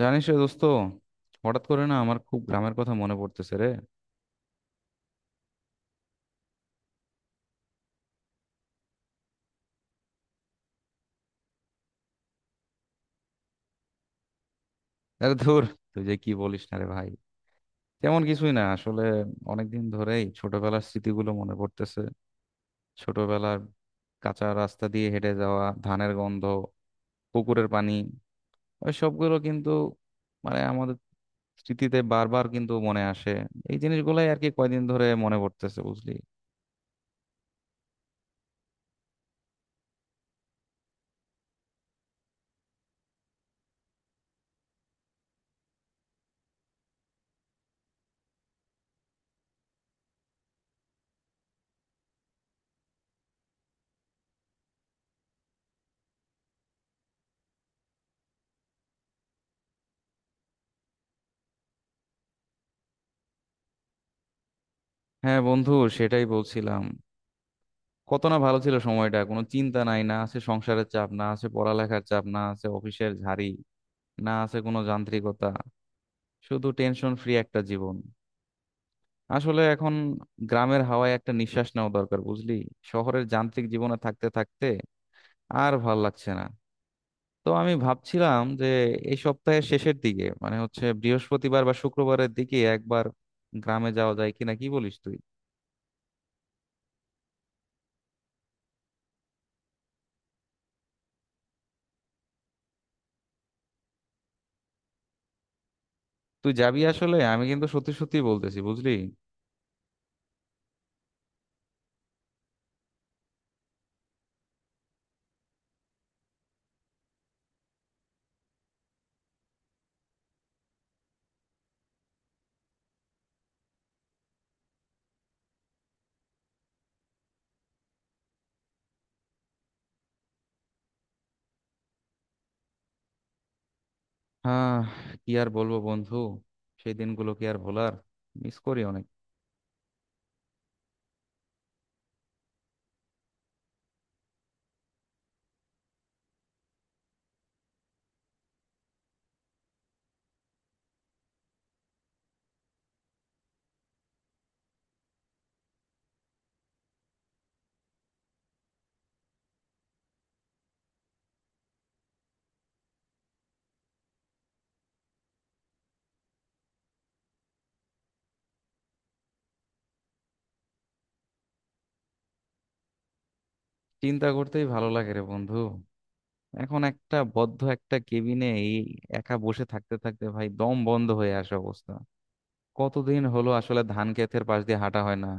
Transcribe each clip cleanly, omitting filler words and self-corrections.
জানিস রে দোস্ত, হঠাৎ করে না আমার খুব গ্রামের কথা মনে পড়তেছে রে। আরে ধুর, তুই যে কি বলিস না রে ভাই। তেমন কিছুই না আসলে, অনেকদিন ধরেই ছোটবেলার স্মৃতিগুলো মনে পড়তেছে। ছোটবেলার কাঁচা রাস্তা দিয়ে হেঁটে যাওয়া, ধানের গন্ধ, পুকুরের পানি, ওই সবগুলো কিন্তু মানে আমাদের স্মৃতিতে বারবার কিন্তু মনে আসে। এই জিনিসগুলাই আর কি কয়দিন ধরে মনে পড়তেছে বুঝলি। হ্যাঁ বন্ধু, সেটাই বলছিলাম। কত না ভালো ছিল সময়টা, কোনো চিন্তা নাই, না আছে সংসারের চাপ, না আছে পড়ালেখার চাপ, না আছে অফিসের ঝাড়ি, না আছে কোনো যান্ত্রিকতা, শুধু টেনশন ফ্রি একটা জীবন। আসলে এখন গ্রামের হাওয়ায় একটা নিঃশ্বাস নেওয়া দরকার বুঝলি। শহরের যান্ত্রিক জীবনে থাকতে থাকতে আর ভাল লাগছে না। তো আমি ভাবছিলাম যে এই সপ্তাহের শেষের দিকে মানে হচ্ছে বৃহস্পতিবার বা শুক্রবারের দিকে একবার গ্রামে যাওয়া যায় কিনা, কি বলিস তুই? তুই যাবি আসলে? আমি কিন্তু সত্যি সত্যি বলতেছি বুঝলি। হ্যাঁ, কি আর বলবো বন্ধু, সেই দিনগুলো কি আর ভোলার? মিস করি অনেক। চিন্তা করতেই ভালো লাগে রে বন্ধু। এখন একটা বদ্ধ কেবিনে এই একা বসে থাকতে থাকতে ভাই দম বন্ধ হয়ে আসে অবস্থা। কতদিন হলো আসলে ধান ক্ষেতের পাশ দিয়ে হাঁটা হয় না,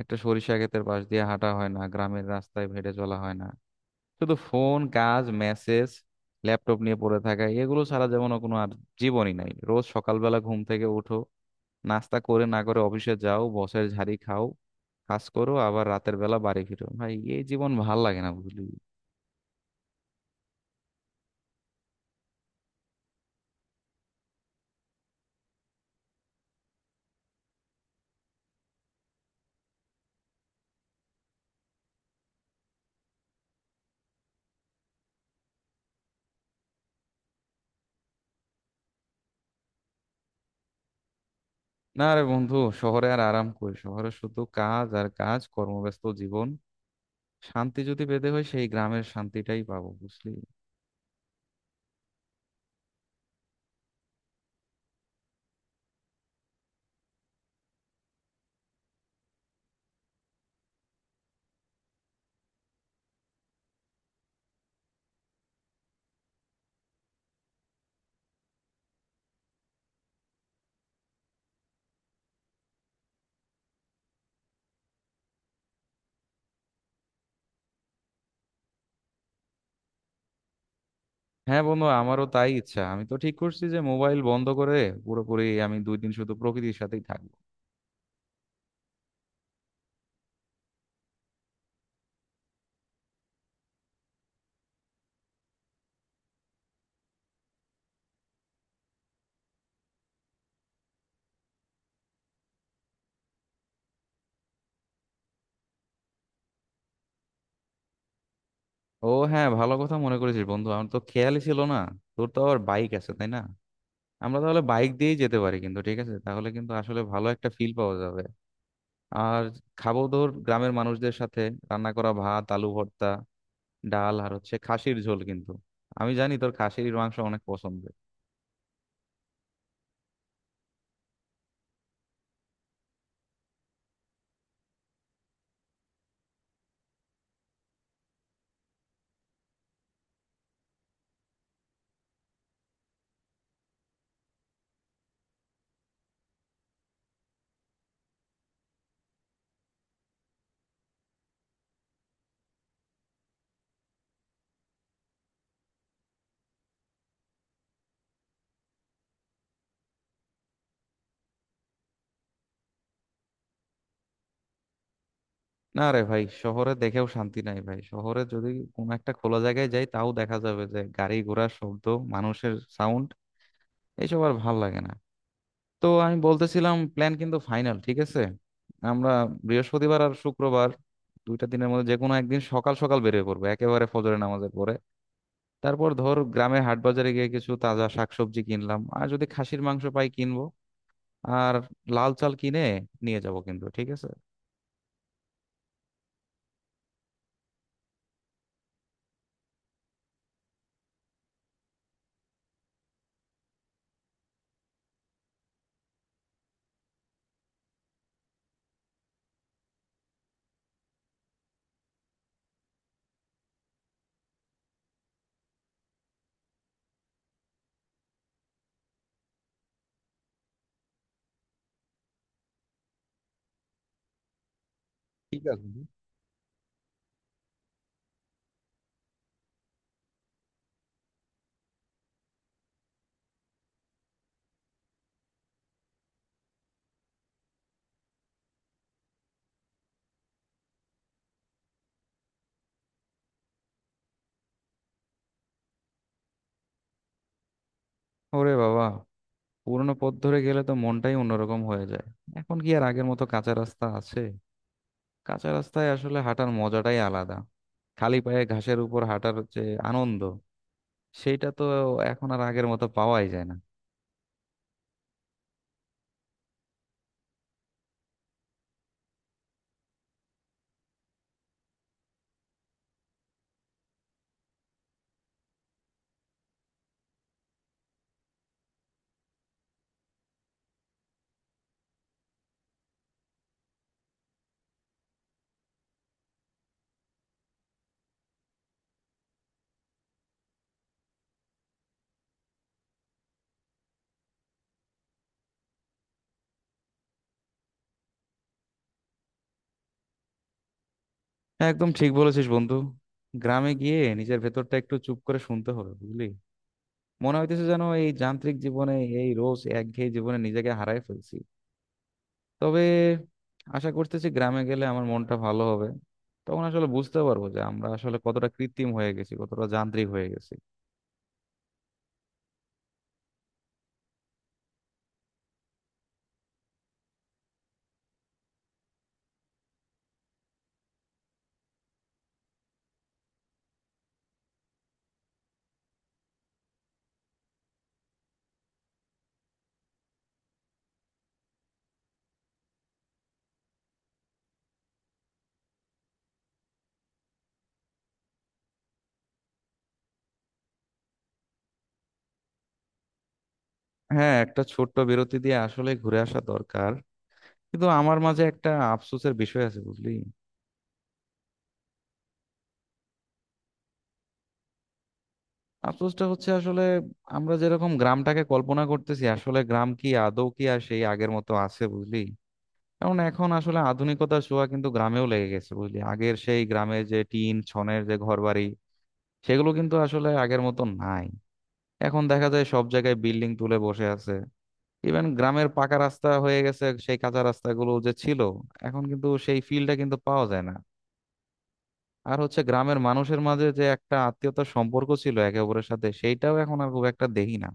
একটা সরিষা ক্ষেতের পাশ দিয়ে হাঁটা হয় না, গ্রামের রাস্তায় হেঁটে চলা হয় না। শুধু ফোন, কাজ, মেসেজ, ল্যাপটপ নিয়ে পড়ে থাকা, এগুলো ছাড়া যেমন কোনো আর জীবনই নাই। রোজ সকালবেলা ঘুম থেকে উঠো, নাস্তা করে না করে অফিসে যাও, বসের ঝাড়ি খাও, কাজ করো, আবার রাতের বেলা বাড়ি ফিরো। ভাই, এই জীবন ভাল লাগে না বুঝলি। না রে বন্ধু, শহরে আর আরাম কই, শহরে শুধু কাজ আর কাজ, কর্মব্যস্ত জীবন। শান্তি যদি পেতে হয়, সেই গ্রামের শান্তিটাই পাবো বুঝলি। হ্যাঁ বন্ধু, আমারও তাই ইচ্ছা। আমি তো ঠিক করছি যে মোবাইল বন্ধ করে পুরোপুরি আমি দুই দিন শুধু প্রকৃতির সাথেই থাকবো। ও হ্যাঁ, ভালো কথা মনে করেছিস বন্ধু, আমার তো খেয়ালই ছিল না। তোর তো আবার বাইক আছে তাই না? আমরা তাহলে বাইক দিয়েই যেতে পারি কিন্তু, ঠিক আছে? তাহলে কিন্তু আসলে ভালো একটা ফিল পাওয়া যাবে। আর খাবো ধর গ্রামের মানুষদের সাথে রান্না করা ভাত, আলু ভর্তা, ডাল আর হচ্ছে খাসির ঝোল কিন্তু। আমি জানি তোর খাসির মাংস অনেক পছন্দের। না রে ভাই, শহরে দেখেও শান্তি নাই ভাই। শহরে যদি কোনো একটা খোলা জায়গায় যাই, তাও দেখা যাবে যে গাড়ি ঘোড়ার শব্দ, মানুষের সাউন্ড, এইসব আর ভাল লাগে না। তো আমি বলতেছিলাম, প্ল্যান কিন্তু ফাইনাল ঠিক আছে? আমরা বৃহস্পতিবার আর শুক্রবার দুইটা দিনের মধ্যে যে কোনো একদিন সকাল সকাল বেরিয়ে পড়বো একেবারে ফজরের নামাজের পরে। তারপর ধর গ্রামের হাট বাজারে গিয়ে কিছু তাজা শাকসবজি কিনলাম, আর যদি খাসির মাংস পাই কিনবো, আর লাল চাল কিনে নিয়ে যাব কিন্তু, ঠিক আছে? ঠিক আছে। ওরে বাবা, পুরোনো পথ ধরে গেলে তো মনটাই অন্যরকম হয়ে যায়। এখন কি আর আগের মতো কাঁচা রাস্তা আছে? কাঁচা রাস্তায় আসলে হাঁটার মজাটাই আলাদা। খালি পায়ে ঘাসের উপর হাঁটার যে আনন্দ, সেইটা তো এখন আর আগের মতো পাওয়াই যায় না। হ্যাঁ, একদম ঠিক বলেছিস বন্ধু। গ্রামে গিয়ে নিজের ভেতরটা একটু চুপ করে শুনতে হবে বুঝলি। মনে হইতেছে যেন এই যান্ত্রিক জীবনে, এই রোজ একঘেয়ে জীবনে নিজেকে হারায় ফেলছি। তবে আশা করতেছি গ্রামে গেলে আমার মনটা ভালো হবে। তখন আসলে বুঝতে পারবো যে আমরা আসলে কতটা কৃত্রিম হয়ে গেছি, কতটা যান্ত্রিক হয়ে গেছি। হ্যাঁ, একটা ছোট্ট বিরতি দিয়ে আসলে ঘুরে আসা দরকার। কিন্তু আমার মাঝে একটা আফসোসের বিষয় আছে বুঝলি। আফসোসটা হচ্ছে আসলে, আমরা যেরকম গ্রামটাকে কল্পনা করতেছি, আসলে গ্রাম কি আদৌ কি আর সেই আগের মতো আছে বুঝলি? কারণ এখন আসলে আধুনিকতার ছোঁয়া কিন্তু গ্রামেও লেগে গেছে বুঝলি। আগের সেই গ্রামের যে টিন ছনের যে ঘরবাড়ি, সেগুলো কিন্তু আসলে আগের মতো নাই। এখন দেখা যায় সব জায়গায় বিল্ডিং তুলে বসে আছে। ইভেন গ্রামের পাকা রাস্তা হয়ে গেছে, সেই কাঁচা রাস্তাগুলো যে ছিল এখন কিন্তু সেই ফিলটা কিন্তু পাওয়া যায় না। আর হচ্ছে গ্রামের মানুষের মাঝে যে একটা আত্মীয়তার সম্পর্ক ছিল একে অপরের সাথে, সেইটাও এখন আর খুব একটা দেখি না।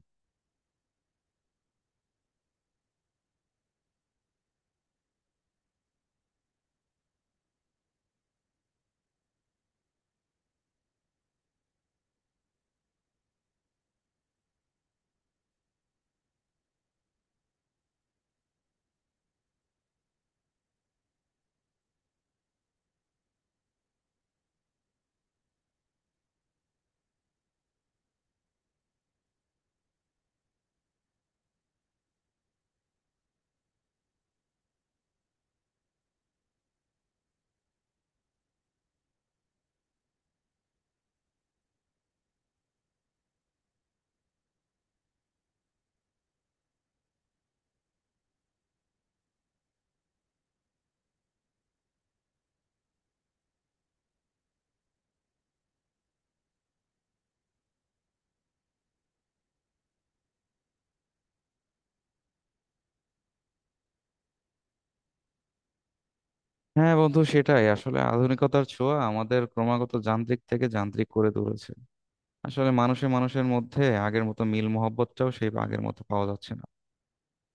হ্যাঁ বন্ধু, সেটাই আসলে আধুনিকতার ছোঁয়া আমাদের ক্রমাগত যান্ত্রিক থেকে যান্ত্রিক করে তুলেছে। আসলে মানুষে মানুষের মধ্যে আগের মতো মিল মহব্বতটাও সেই আগের মতো পাওয়া যাচ্ছে না।